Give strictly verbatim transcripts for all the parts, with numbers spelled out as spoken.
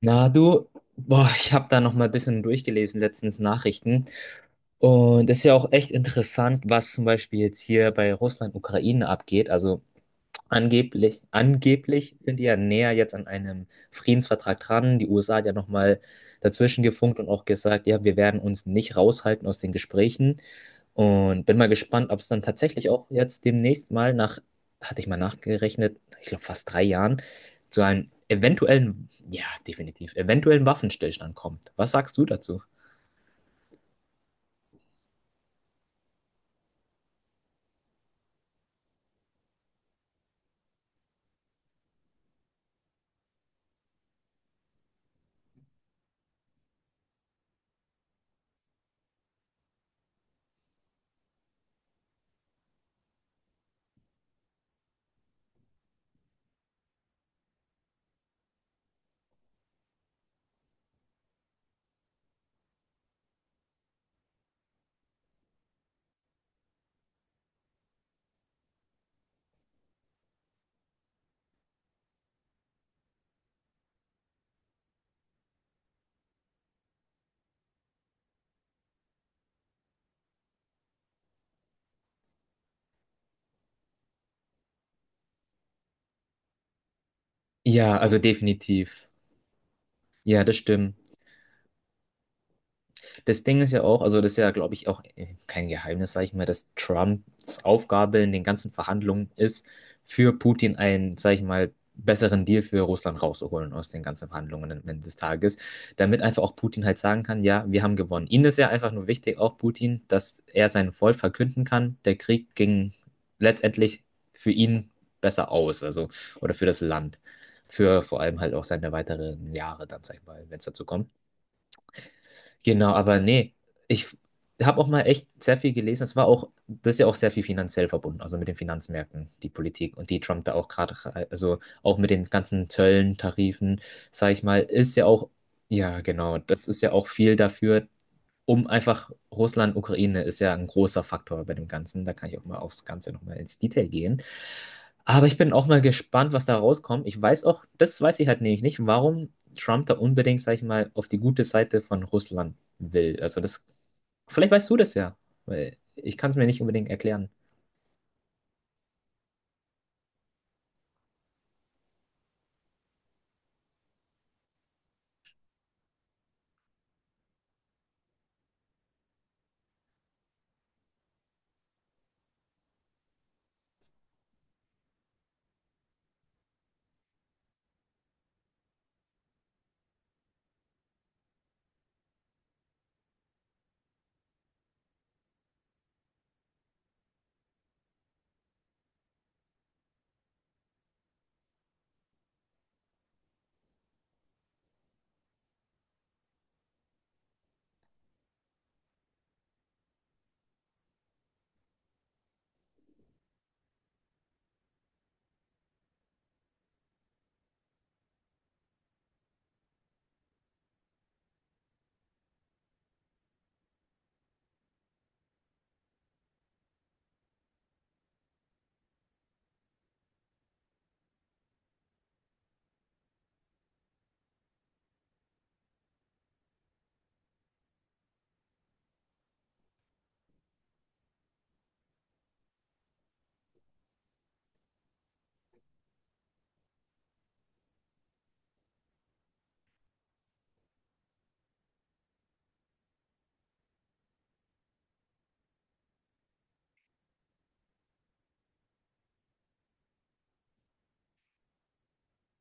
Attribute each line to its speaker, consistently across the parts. Speaker 1: Na du, boah, ich habe da noch mal ein bisschen durchgelesen letztens Nachrichten und es ist ja auch echt interessant, was zum Beispiel jetzt hier bei Russland, Ukraine abgeht. Also Angeblich, angeblich sind die ja näher jetzt an einem Friedensvertrag dran. Die U S A hat ja nochmal dazwischen gefunkt und auch gesagt, ja, wir werden uns nicht raushalten aus den Gesprächen. Und bin mal gespannt, ob es dann tatsächlich auch jetzt demnächst mal nach, hatte ich mal nachgerechnet, ich glaube fast drei Jahren, zu einem eventuellen, ja, definitiv, eventuellen Waffenstillstand kommt. Was sagst du dazu? Ja, also definitiv. Ja, das stimmt. Das Ding ist ja auch, also das ist ja, glaube ich, auch äh, kein Geheimnis, sage ich mal, dass Trumps Aufgabe in den ganzen Verhandlungen ist, für Putin einen, sage ich mal, besseren Deal für Russland rauszuholen aus den ganzen Verhandlungen am Ende des Tages, damit einfach auch Putin halt sagen kann, ja, wir haben gewonnen. Ihnen ist ja einfach nur wichtig, auch Putin, dass er sein Volk verkünden kann, der Krieg ging letztendlich für ihn besser aus, also, oder für das Land, für vor allem halt auch seine weiteren Jahre dann, sag ich mal, wenn es dazu kommt. Genau, aber nee, ich habe auch mal echt sehr viel gelesen. Es war auch, das ist ja auch sehr viel finanziell verbunden, also mit den Finanzmärkten, die Politik und die Trump da auch gerade, rei- also auch mit den ganzen Zöllen, Tarifen, sage ich mal, ist ja auch, ja genau, das ist ja auch viel dafür, um einfach Russland, Ukraine ist ja ein großer Faktor bei dem Ganzen. Da kann ich auch mal aufs Ganze nochmal ins Detail gehen. Aber ich bin auch mal gespannt, was da rauskommt. Ich weiß auch, das weiß ich halt nämlich nicht, warum Trump da unbedingt, sag ich mal, auf die gute Seite von Russland will. Also das, vielleicht weißt du das ja, weil ich kann es mir nicht unbedingt erklären.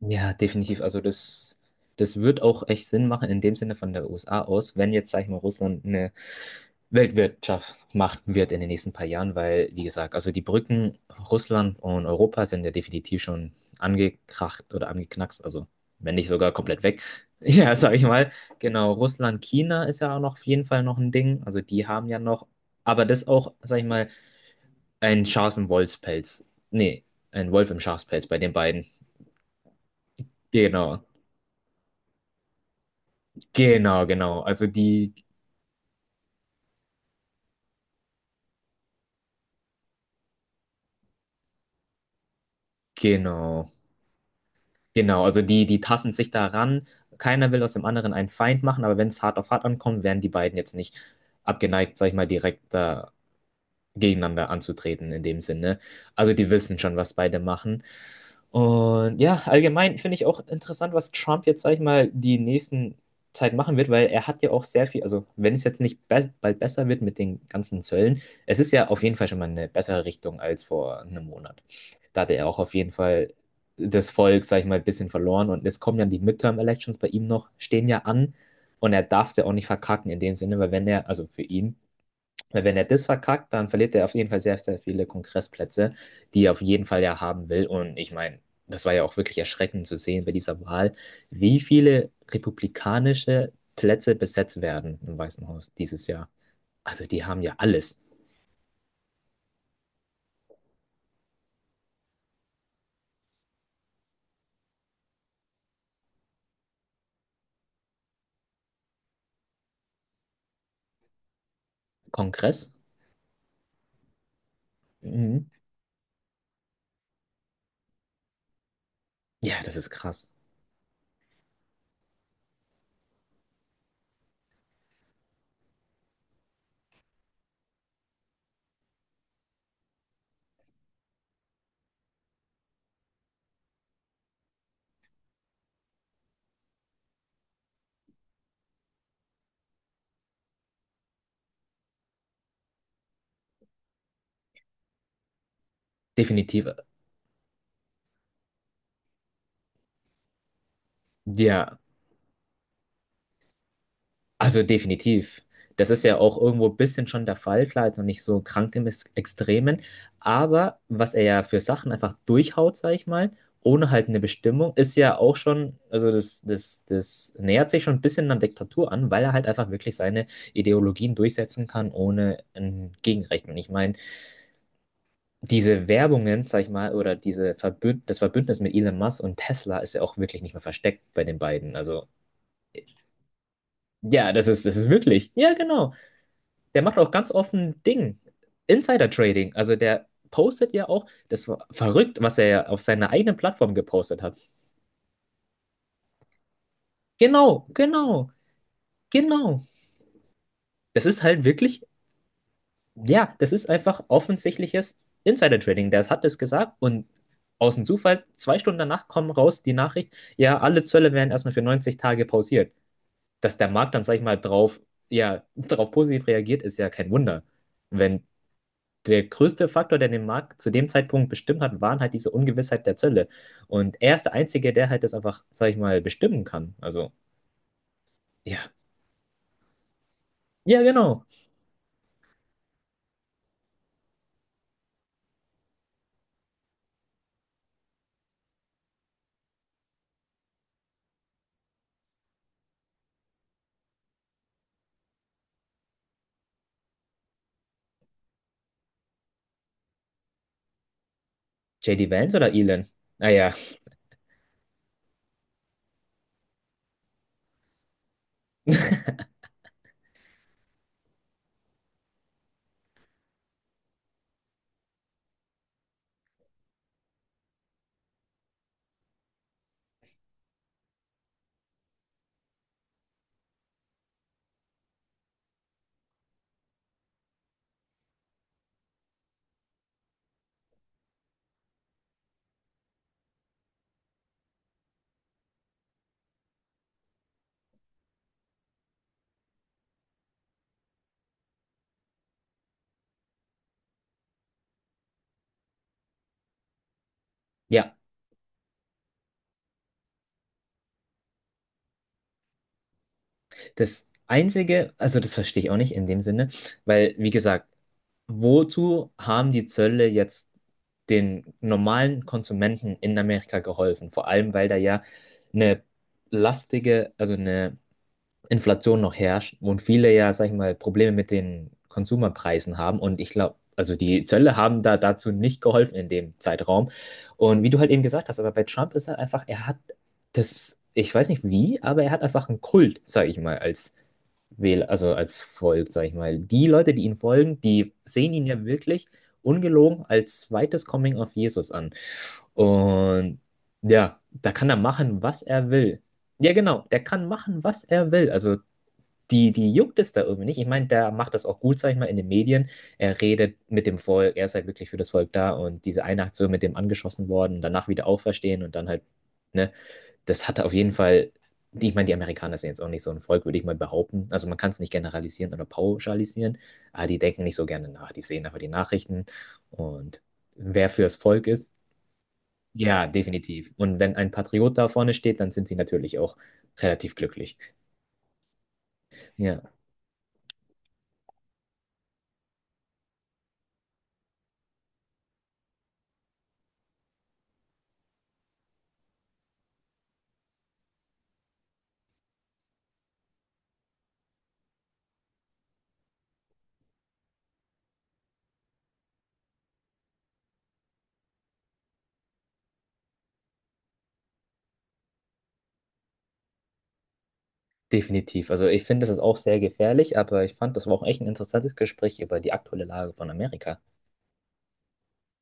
Speaker 1: Ja, definitiv. Also das, das wird auch echt Sinn machen in dem Sinne von der U S A aus, wenn jetzt, sag ich mal, Russland eine Weltwirtschaft machen wird in den nächsten paar Jahren, weil, wie gesagt, also die Brücken Russland und Europa sind ja definitiv schon angekracht oder angeknackst, also wenn nicht sogar komplett weg. Ja, sag ich mal. Genau, Russland, China ist ja auch noch auf jeden Fall noch ein Ding. Also die haben ja noch, aber das auch, sag ich mal, ein Schaf im Wolfspelz. Nee, ein Wolf im Schafspelz bei den beiden. Genau, genau, genau. Also die, genau. Genau, also die, die tasten sich daran. Keiner will aus dem anderen einen Feind machen, aber wenn es hart auf hart ankommt, wären die beiden jetzt nicht abgeneigt, sag ich mal, direkt äh, gegeneinander anzutreten in dem Sinne. Also die wissen schon, was beide machen. Und ja, allgemein finde ich auch interessant, was Trump jetzt, sag ich mal, die nächsten Zeit machen wird, weil er hat ja auch sehr viel, also wenn es jetzt nicht be bald besser wird mit den ganzen Zöllen, es ist ja auf jeden Fall schon mal eine bessere Richtung als vor einem Monat. Da hatte er auch auf jeden Fall das Volk, sag ich mal, ein bisschen verloren und es kommen ja die Midterm-Elections bei ihm noch, stehen ja an und er darf es ja auch nicht verkacken in dem Sinne, weil wenn er, also für ihn, weil wenn er das verkackt, dann verliert er auf jeden Fall sehr, sehr viele Kongressplätze, die er auf jeden Fall ja haben will. Und ich meine, das war ja auch wirklich erschreckend zu sehen bei dieser Wahl, wie viele republikanische Plätze besetzt werden im Weißen Haus dieses Jahr. Also die haben ja alles. Kongress? Mhm. Ja, das ist krass. Definitiv. Ja, also definitiv. Das ist ja auch irgendwo ein bisschen schon der Fall, klar, jetzt noch nicht so krank im Ex- Extremen, aber was er ja für Sachen einfach durchhaut, sag ich mal, ohne halt eine Bestimmung, ist ja auch schon, also das, das, das nähert sich schon ein bisschen an Diktatur an, weil er halt einfach wirklich seine Ideologien durchsetzen kann, ohne ein Gegenrecht. Und ich meine, diese Werbungen, sag ich mal, oder diese Verbünd das Verbündnis mit Elon Musk und Tesla ist ja auch wirklich nicht mehr versteckt bei den beiden. Also, ja, das ist, das ist wirklich, ja, genau. Der macht auch ganz offen Ding. Insider-Trading. Also der postet ja auch, das war verrückt, was er ja auf seiner eigenen Plattform gepostet hat. Genau, genau, genau. Das ist halt wirklich, ja, das ist einfach offensichtliches Insider-Trading. Der hat es gesagt und aus dem Zufall, zwei Stunden danach kommen raus die Nachricht, ja, alle Zölle werden erstmal für neunzig Tage pausiert. Dass der Markt dann, sag ich mal, drauf, ja, drauf positiv reagiert, ist ja kein Wunder. Wenn der größte Faktor, der den Markt zu dem Zeitpunkt bestimmt hat, waren halt diese Ungewissheit der Zölle. Und er ist der Einzige, der halt das einfach, sag ich mal, bestimmen kann. Also, ja. Ja, genau. J D Vance oder Elon? Naja, ja. Ja. Das Einzige, also das verstehe ich auch nicht in dem Sinne, weil, wie gesagt, wozu haben die Zölle jetzt den normalen Konsumenten in Amerika geholfen? Vor allem, weil da ja eine lastige, also eine Inflation noch herrscht und viele ja, sag ich mal, Probleme mit den Konsumerpreisen haben. Und ich glaube, also die Zölle haben da dazu nicht geholfen in dem Zeitraum. Und wie du halt eben gesagt hast, aber bei Trump ist halt einfach, er hat das, ich weiß nicht wie, aber er hat einfach einen Kult, sag ich mal, als Wähler, also als Volk, sag ich mal. Die Leute, die ihm folgen, die sehen ihn ja wirklich ungelogen als zweites Coming of Jesus an. Und ja, da kann er machen, was er will. Ja, genau, der kann machen, was er will. Also die, die juckt es da irgendwie nicht. Ich meine, der macht das auch gut, sag ich mal, in den Medien. Er redet mit dem Volk, er ist halt wirklich für das Volk da und diese eine Aktion mit dem angeschossen worden, danach wieder auferstehen und dann halt, ne, das hat er auf jeden Fall, die- ich meine, die Amerikaner sind jetzt auch nicht so ein Volk, würde ich mal behaupten. Also man kann es nicht generalisieren oder pauschalisieren, aber die denken nicht so gerne nach. Die sehen einfach die Nachrichten und wer fürs Volk ist, ja, definitiv. Und wenn ein Patriot da vorne steht, dann sind sie natürlich auch relativ glücklich. Ja. Definitiv. Also ich finde, das ist auch sehr gefährlich, aber ich fand, das war auch echt ein interessantes Gespräch über die aktuelle Lage von Amerika.